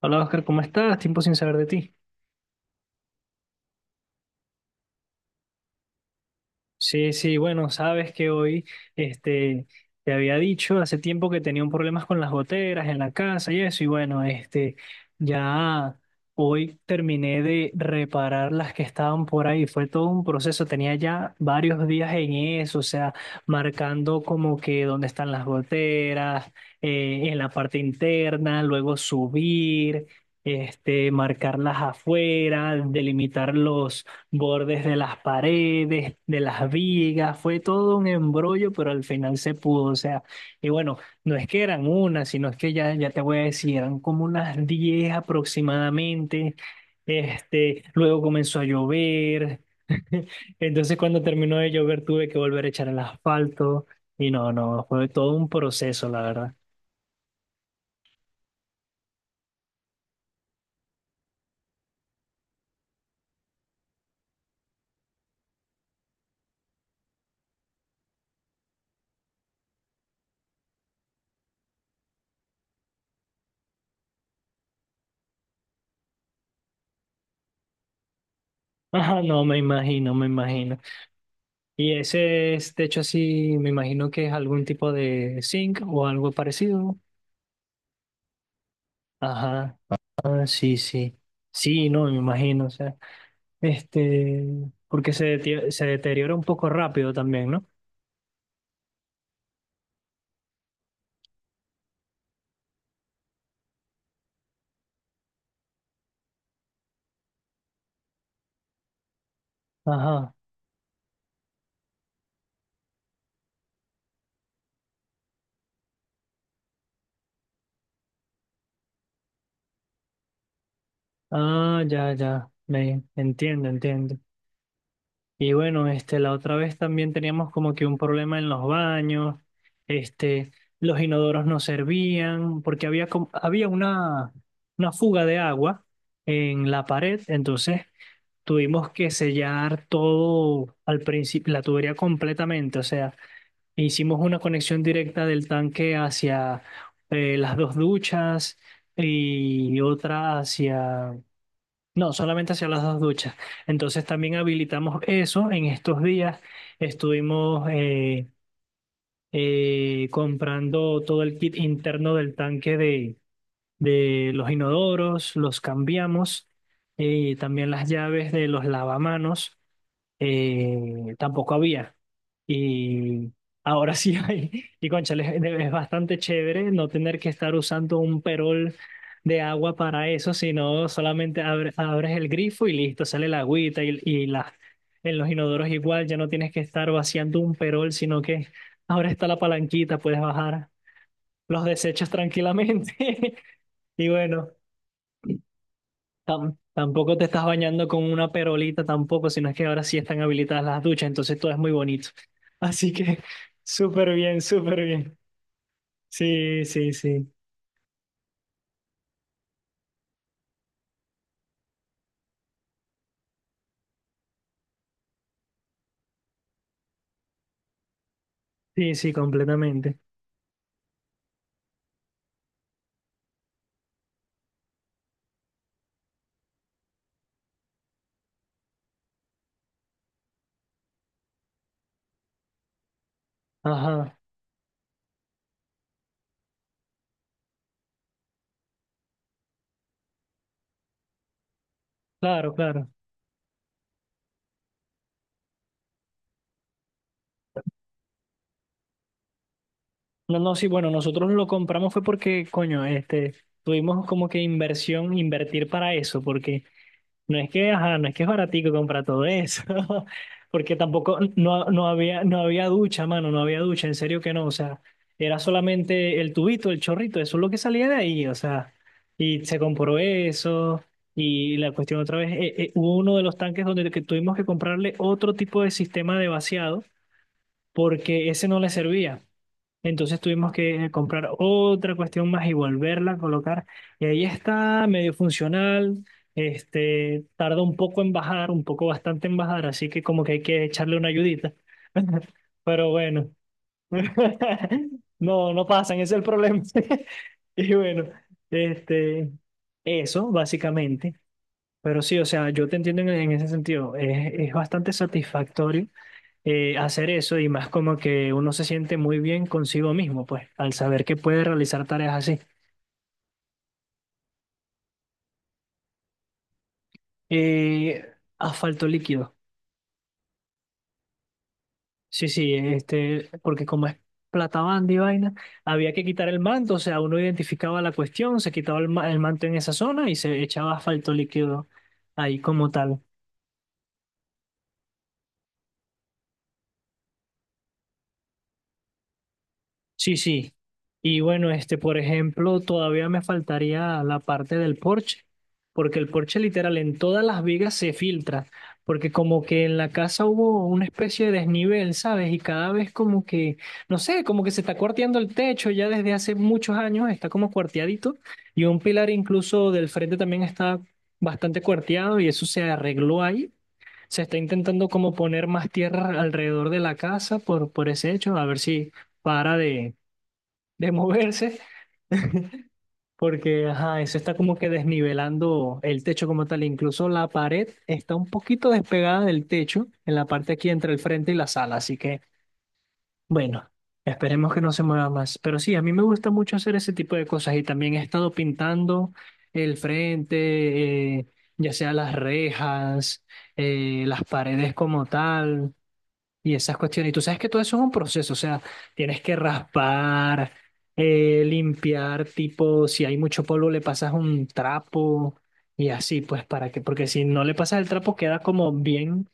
Hola Oscar, ¿cómo estás? Tiempo sin saber de ti. Sí, sí, bueno, sabes que hoy este, te había dicho hace tiempo que tenía un problemas con las goteras en la casa y eso, y bueno, ya hoy terminé de reparar las que estaban por ahí. Fue todo un proceso, tenía ya varios días en eso, o sea, marcando como que dónde están las goteras, en la parte interna, luego subir. Este, marcarlas afuera, delimitar los bordes de las paredes, de las vigas, fue todo un embrollo, pero al final se pudo, o sea, y bueno, no es que eran una, sino es que ya, ya te voy a decir, eran como unas 10 aproximadamente, luego comenzó a llover, entonces cuando terminó de llover tuve que volver a echar el asfalto, y no, fue todo un proceso, la verdad. Ajá, no, me imagino, me imagino. Y ese es, de hecho, así, me imagino que es algún tipo de zinc o algo parecido. Ajá, ah, sí, sí. Sí, no, me imagino, o sea, este, porque se, se deteriora un poco rápido también, ¿no? Ajá, ah, ya, ya, me entiendo, entiendo. Y bueno, la otra vez también teníamos como que un problema en los baños, este, los inodoros no servían, porque había una fuga de agua en la pared, entonces tuvimos que sellar todo al principio, la tubería completamente, o sea. Hicimos una conexión directa del tanque hacia las dos duchas y otra hacia... No, solamente hacia las dos duchas. Entonces también habilitamos eso. En estos días estuvimos comprando todo el kit interno del tanque de los inodoros, los cambiamos, también las llaves de los lavamanos tampoco había. Y ahora sí hay. Y cónchale, es bastante chévere no tener que estar usando un perol de agua para eso, sino solamente abres el grifo y listo, sale la agüita y, en los inodoros igual, ya no tienes que estar vaciando un perol, sino que ahora está la palanquita, puedes bajar los desechos tranquilamente. Y bueno. Tampoco te estás bañando con una perolita tampoco, sino es que ahora sí están habilitadas las duchas, entonces todo es muy bonito. Así que súper bien, súper bien. Sí, sí, sí. Sí, sí, completamente. Ajá, claro, claro. No, no, sí, bueno, nosotros lo compramos fue porque, coño, tuvimos como que inversión, invertir para eso, porque no es que, ajá, no es que es baratico comprar todo eso, porque tampoco no había, no había ducha, mano, no había ducha, en serio que no, o sea, era solamente el tubito, el chorrito, eso es lo que salía de ahí, o sea, y se compró eso, y la cuestión otra vez, hubo uno de los tanques donde que tuvimos que comprarle otro tipo de sistema de vaciado, porque ese no le servía. Entonces tuvimos que comprar otra cuestión más y volverla a colocar. Y ahí está, medio funcional. Este, tarda un poco en bajar, un poco bastante en bajar, así que como que hay que echarle una ayudita. Pero bueno, no, no pasan, ese es el problema. Y bueno, este, eso básicamente. Pero sí, o sea, yo te entiendo en ese sentido. Es bastante satisfactorio hacer eso y más como que uno se siente muy bien consigo mismo, pues, al saber que puede realizar tareas así. Eh, asfalto líquido. Sí, sí, porque como es plata banda y vaina, había que quitar el manto, o sea, uno identificaba la cuestión, se quitaba el, el manto en esa zona y se echaba asfalto líquido ahí como tal. Sí, sí. Y bueno, por ejemplo, todavía me faltaría la parte del porche, porque el porche literal en todas las vigas se filtra, porque como que en la casa hubo una especie de desnivel, ¿sabes? Y cada vez como que, no sé, como que se está cuarteando el techo ya desde hace muchos años, está como cuarteadito, y un pilar incluso del frente también está bastante cuarteado y eso se arregló ahí. Se está intentando como poner más tierra alrededor de la casa por ese hecho, a ver si para de moverse, porque ajá, eso está como que desnivelando el techo como tal. Incluso la pared está un poquito despegada del techo en la parte aquí entre el frente y la sala. Así que, bueno, esperemos que no se mueva más. Pero sí, a mí me gusta mucho hacer ese tipo de cosas y también he estado pintando el frente, ya sea las rejas, las paredes como tal y esas cuestiones. Y tú sabes que todo eso es un proceso, o sea, tienes que raspar, limpiar, tipo, si hay mucho polvo le pasas un trapo y así, pues para que, porque si no le pasas el trapo queda como bien,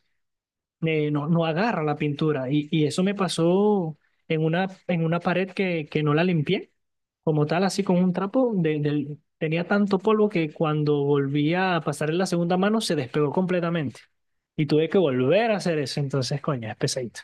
no, no agarra la pintura. Y eso me pasó en una pared que no la limpié como tal, así con un trapo, tenía tanto polvo que cuando volvía a pasar en la segunda mano se despegó completamente. Y tuve que volver a hacer eso, entonces, coño, es pesadito.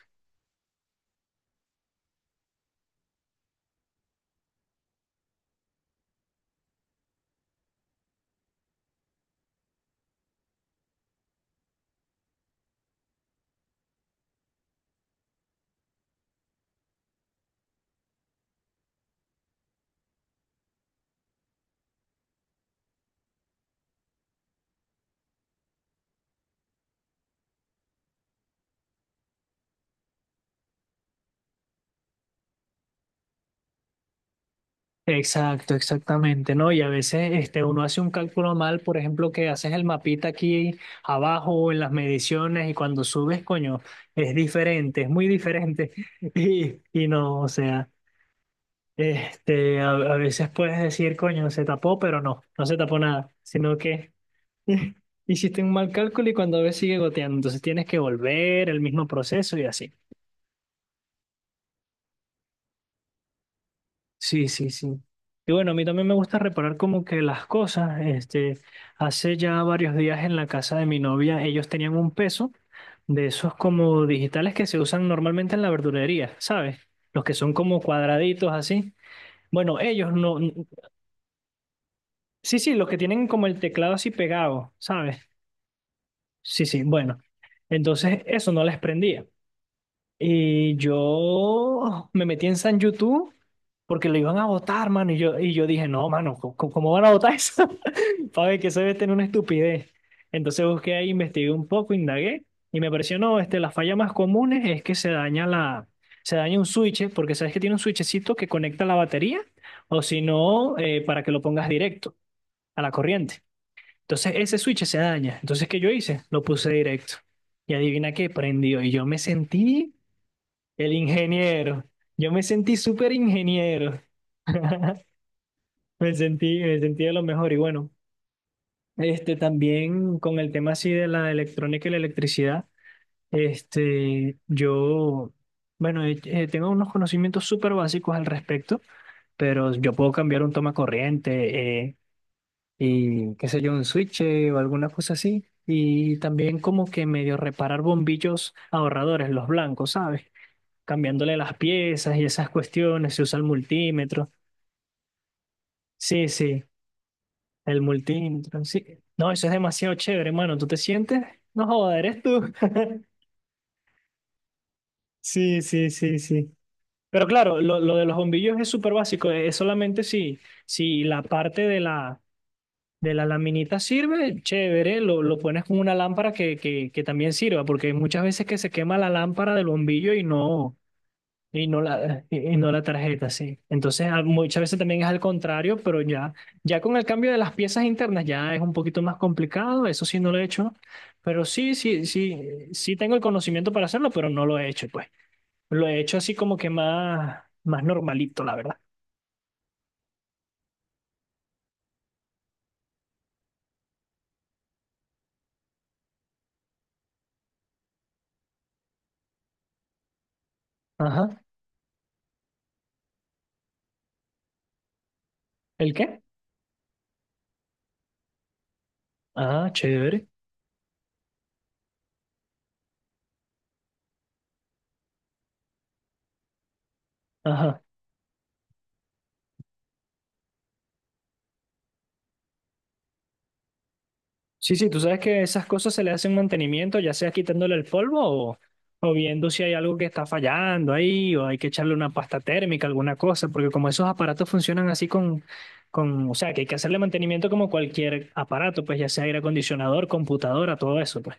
Exacto, exactamente, ¿no? Y a veces uno hace un cálculo mal, por ejemplo, que haces el mapita aquí abajo en las mediciones y cuando subes, coño, es diferente, es muy diferente. Y, y no, o sea, a veces puedes decir, coño, se tapó, pero no, no se tapó nada, sino que hiciste un mal cálculo y cuando ves sigue goteando, entonces tienes que volver el mismo proceso y así. Sí, sí, sí. Y bueno, a mí también me gusta reparar como que las cosas. Este, hace ya varios días en la casa de mi novia, ellos tenían un peso de esos como digitales que se usan normalmente en la verdulería, ¿sabes? Los que son como cuadraditos así. Bueno, ellos no. Sí, sí, los que tienen como el teclado así pegado, ¿sabes? Sí, sí, bueno. Entonces eso no les prendía. Y yo me metí en San YouTube porque lo iban a votar, mano. Y yo, yo dije, no, mano, ¿cómo, cómo van a votar eso? Para ver que eso debe tener una estupidez. Entonces busqué ahí, investigué un poco, indagué y me pareció, no, la falla más común es que se daña un switch, porque sabes que tiene un switchecito que conecta la batería o si no, para que lo pongas directo a la corriente. Entonces ese switch se daña. Entonces, ¿qué yo hice? Lo puse directo. Y adivina qué, prendió. Y yo me sentí el ingeniero. Yo me sentí súper ingeniero. Me sentí de lo mejor. Y bueno, este también con el tema así de la electrónica y la electricidad, este, yo, bueno, tengo unos conocimientos súper básicos al respecto, pero yo puedo cambiar un toma corriente y qué sé yo, un switch o alguna cosa así. Y también como que medio reparar bombillos ahorradores, los blancos, ¿sabes? Cambiándole las piezas y esas cuestiones, se usa el multímetro. Sí, sí, el multímetro, sí. No, eso es demasiado chévere, hermano. ¿Tú te sientes? No joder, eres tú. Sí, sí, sí, sí. Pero claro, lo de los bombillos es súper básico. Es solamente si, si la parte de la laminita sirve, chévere, lo pones con una lámpara que también sirva, porque hay muchas veces que se quema la lámpara del bombillo y no. Y no la tarjeta, sí. Entonces, muchas veces también es al contrario, pero ya, ya con el cambio de las piezas internas ya es un poquito más complicado, eso sí no lo he hecho, pero sí, sí, sí, sí tengo el conocimiento para hacerlo, pero no lo he hecho, pues. Lo he hecho así como que más, más normalito, la verdad. Ajá. ¿El qué? Ah, chévere. Ajá. Sí, sí, tú sabes que esas cosas se le hacen mantenimiento, ya sea quitándole el polvo o viendo si hay algo que está fallando ahí o hay que echarle una pasta térmica, alguna cosa, porque como esos aparatos funcionan así con, o sea, que hay que hacerle mantenimiento como cualquier aparato, pues ya sea aire acondicionador, computadora, todo eso, pues.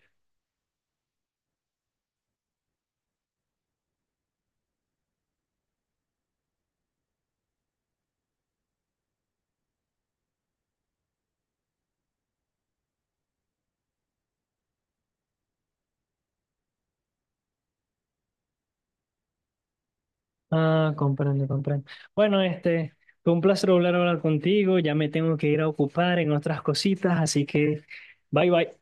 Ah, comprendo, comprendo. Bueno, fue un placer volver a hablar contigo, ya me tengo que ir a ocupar en otras cositas, así que bye bye.